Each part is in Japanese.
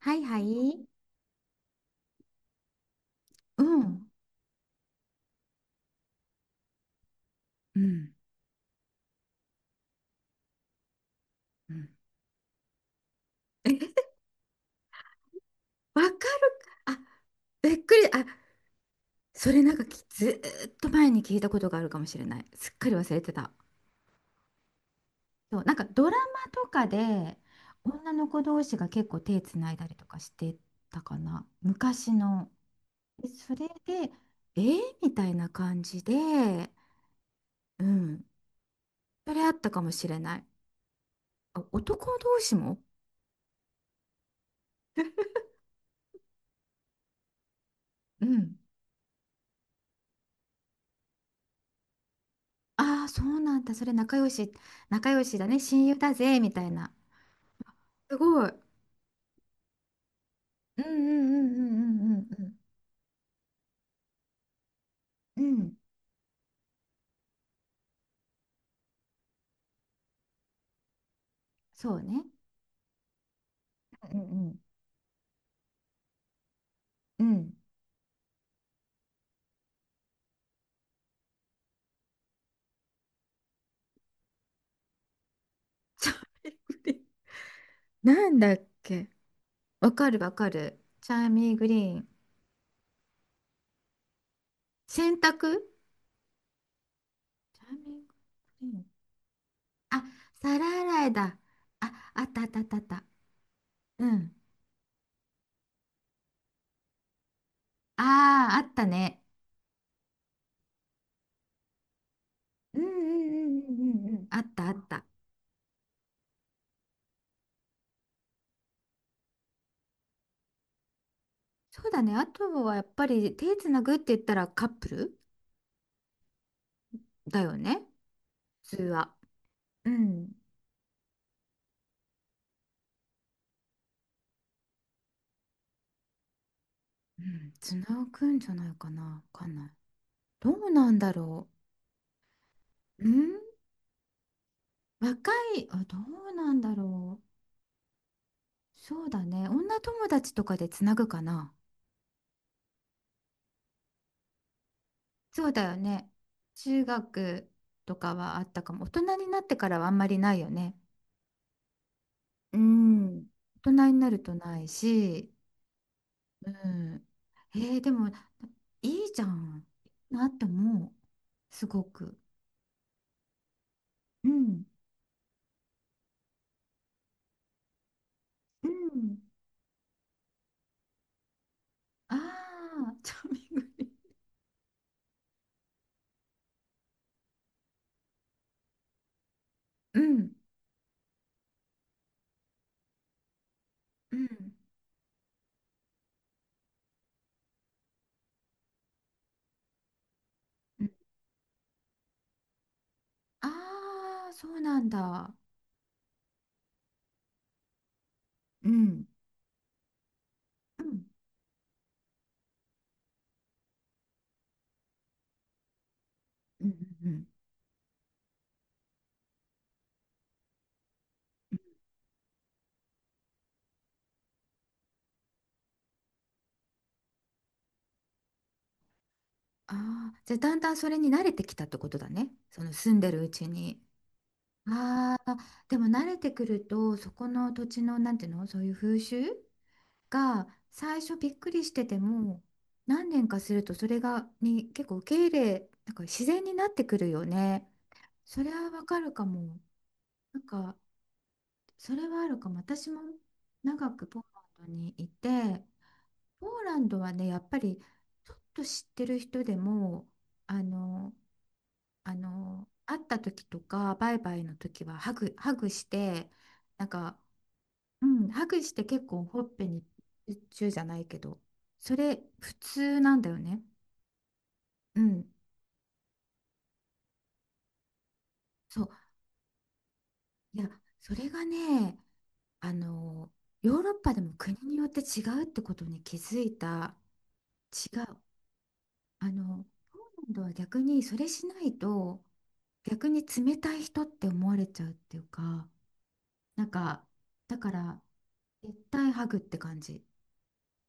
はいはい。うん。うん。うん。え、わかるか。あ、びっくり。あ、それなんかずーっと前に聞いたことがあるかもしれない。すっかり忘れてた。そう、なんかドラマとかで女の子同士が結構手つないだりとかしてたかな。昔の。でそれで、みたいな感じで、うん。それあったかもしれない。あ、男同士も。うん。ああ、そうなんだ。それ仲良しだね。親友だぜ、みたいな。すごい。うんうんうんうんうんうんうん。うん。そうね。うんうんうん。うん。チャーミーグリーン。なんだっけ。わかるわかる。チャーミーグリーン。洗濯。チャーミーグリーン。あ、皿洗いだ。あ、あったあったあったあった。うん。ああ、あったね。うん。あったあった。そうだね。あとはやっぱり手つなぐって言ったらカップルだよね、普通は。うん。うん、つなぐんじゃないかな。わかんない。どうなんだろう。うん、若い、あ、どうなんだろう。そうだね。女友達とかでつなぐかな。そうだよね。中学とかはあったかも。大人になってからはあんまりないよね。うん。大人になるとないし。うん。でも、いいじゃん。なって思う。すごく。うん。うん。ああ、チャーミング。うん、うん、うん、ああ、そうなんだ。うん、うん、うん、うん。うん。ああ、じゃあだんだんそれに慣れてきたってことだね。その住んでるうちに。ああ、でも慣れてくると、そこの土地の、なんていうの、そういう風習が最初びっくりしてても、何年かするとそれに結構受け入れ、なんか自然になってくるよね。それはわかるかも。なんか、それはあるかも。私も長くポーランドにいて、ポーランドはね、やっぱりちょっと知ってる人でも、あの、あの、会った時とか、バイバイの時はハグして、なんか、うん、ハグして結構ほっぺにチューじゃないけど、それ普通なんだよね。うん、そう。いや、それがね、あの、ヨーロッパでも国によって違うってことに気づいた。違う。あの、ポーランドは逆にそれしないと逆に冷たい人って思われちゃうっていうか、なんか、だから絶対ハグって感じ。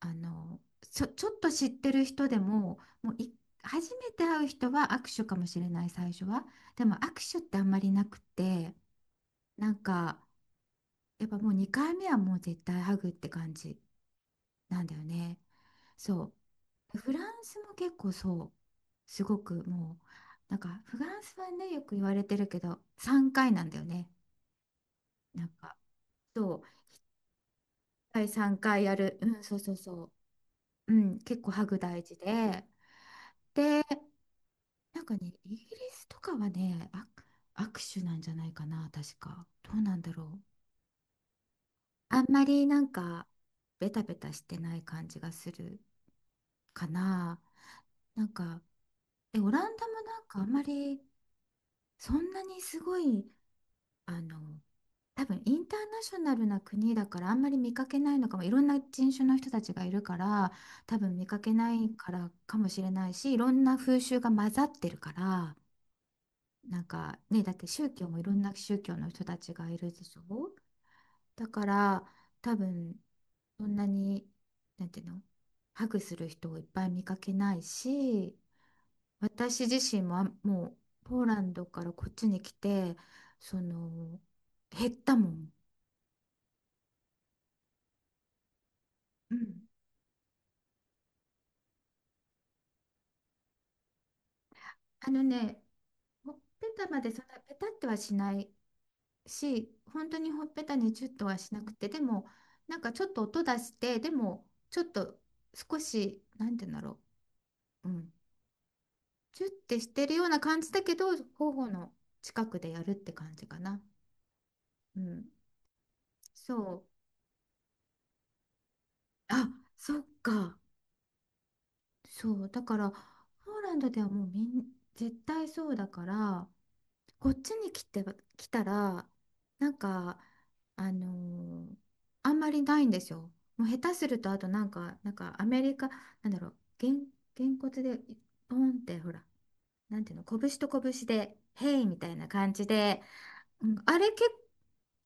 あの、ちょっと知ってる人でも、もうい、初めて会う人は握手かもしれない、最初は。でも握手ってあんまりなくて、なんか、やっぱもう2回目はもう絶対ハグって感じなんだよね。そう。フランスも結構そう、すごくもう、なんかフランスはね、よく言われてるけど3回なんだよね。なんかそう、第3回やる。うん、そうそうそう。うん、結構ハグ大事で、で、なんかね、イギリスとかはね、握手なんじゃないかな、確か。どうなんだろう。あんまりなんかベタベタしてない感じがするかな。なんか、でオランダもなんかあんまりそんなにすごい、あの、多分インターナショナルな国だからあんまり見かけないのかも。いろんな人種の人たちがいるから多分見かけないからかもしれないし、いろんな風習が混ざってるから、なんかね、だって宗教もいろんな宗教の人たちがいるでしょ。だから多分そんなに、なんていうの、ハグする人をいっぱい見かけないし、私自身も、もう、ポーランドからこっちに来て、その、減ったもん。うん。あのね、ほっぺたまでそんなペタってはしないし、本当にほっぺたにチュッとはしなくて、でも、なんかちょっと音出して、でも、ちょっと少し、なんて言うんだろう、うん、チュッてしてるような感じだけど、頬の近くでやるって感じかな。うん、そう。あ、そっか。そう。だから、ポーランドではもうみん、絶対そうだから、こっちに来て、来たら、なんか、あのーあんまりないんですよ。もう下手すると、あとなんか、なんかアメリカ、なんだろう、げんこつで、ポンって、ほら、なんていうの、拳と拳で、ヘイみたいな感じで、うん、あれ結構、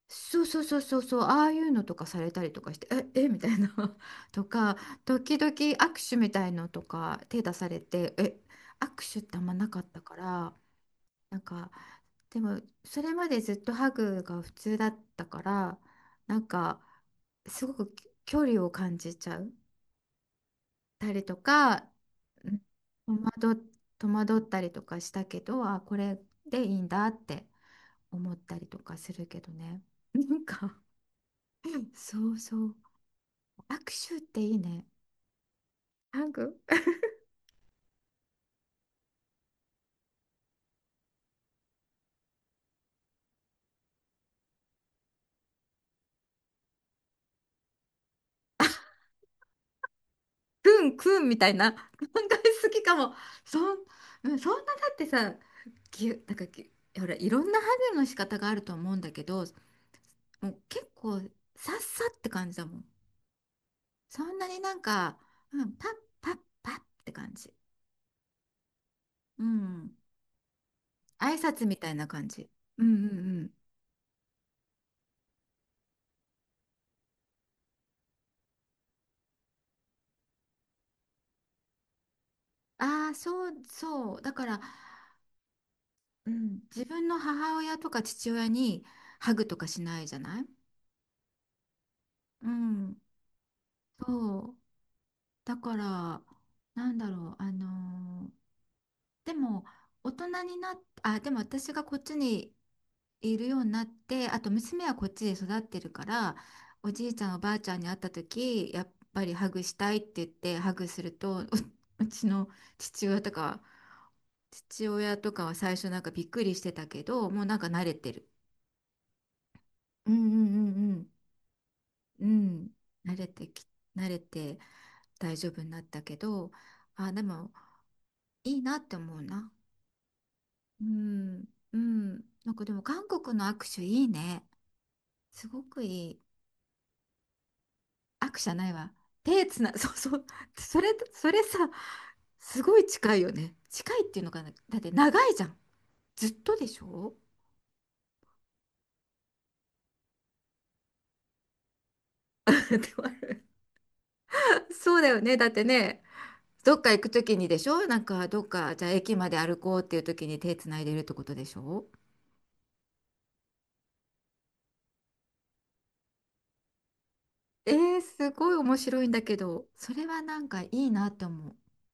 そうそう、ああいうのとかされたりとかして、え、えみたいな とか、時々握手みたいのとか手出されて、え、握手ってあんまなかったから、なんか、でもそれまでずっとハグが普通だったから、なんかすごく距離を感じちゃうたりとか、うん、戸惑っ、戸惑ったりとかしたけど、あこれでいいんだって思ったりとかするけどね。なんか、そうそう。握手っていいね。ハグ。くんくんみたいな。考えすぎかも。そん、うん、そんなだってさ、なんかほら、いろんなハグの仕方があると思うんだけど、もう結構さっさって感じだもん。そんなになんか、うん、パッって感じ。うん。挨拶みたいな感じ。うん。ああ、そうそう。だから、うん、自分の母親とか父親にハグとかしないじゃない。うん。そう。だから、なんだろう、でも、大人になっあでも私がこっちにいるようになって、あと娘はこっちで育ってるから、おじいちゃんおばあちゃんに会った時やっぱりハグしたいって言ってハグすると、ううちの父親とか父親とかは最初なんかびっくりしてたけど、もうなんか慣れてる。うんうんうんうんうん。慣れてき慣れて大丈夫になったけど、あでもいいなって思うな。うん、うん。なんかでも韓国の握手いいね。すごくいい。握手じゃないわ。手つな、そうそう。それさ、すごい近いよね。近いっていうのかな。だって長いじゃん。ずっとでしょ。 でもそうだよね。だってね、どっか行くときにでしょ、なんかどっか、じゃあ駅まで歩こうっていうときに手つないでるってことでしょ。えー、すごい面白いんだけど、それはなんかいいなって思う。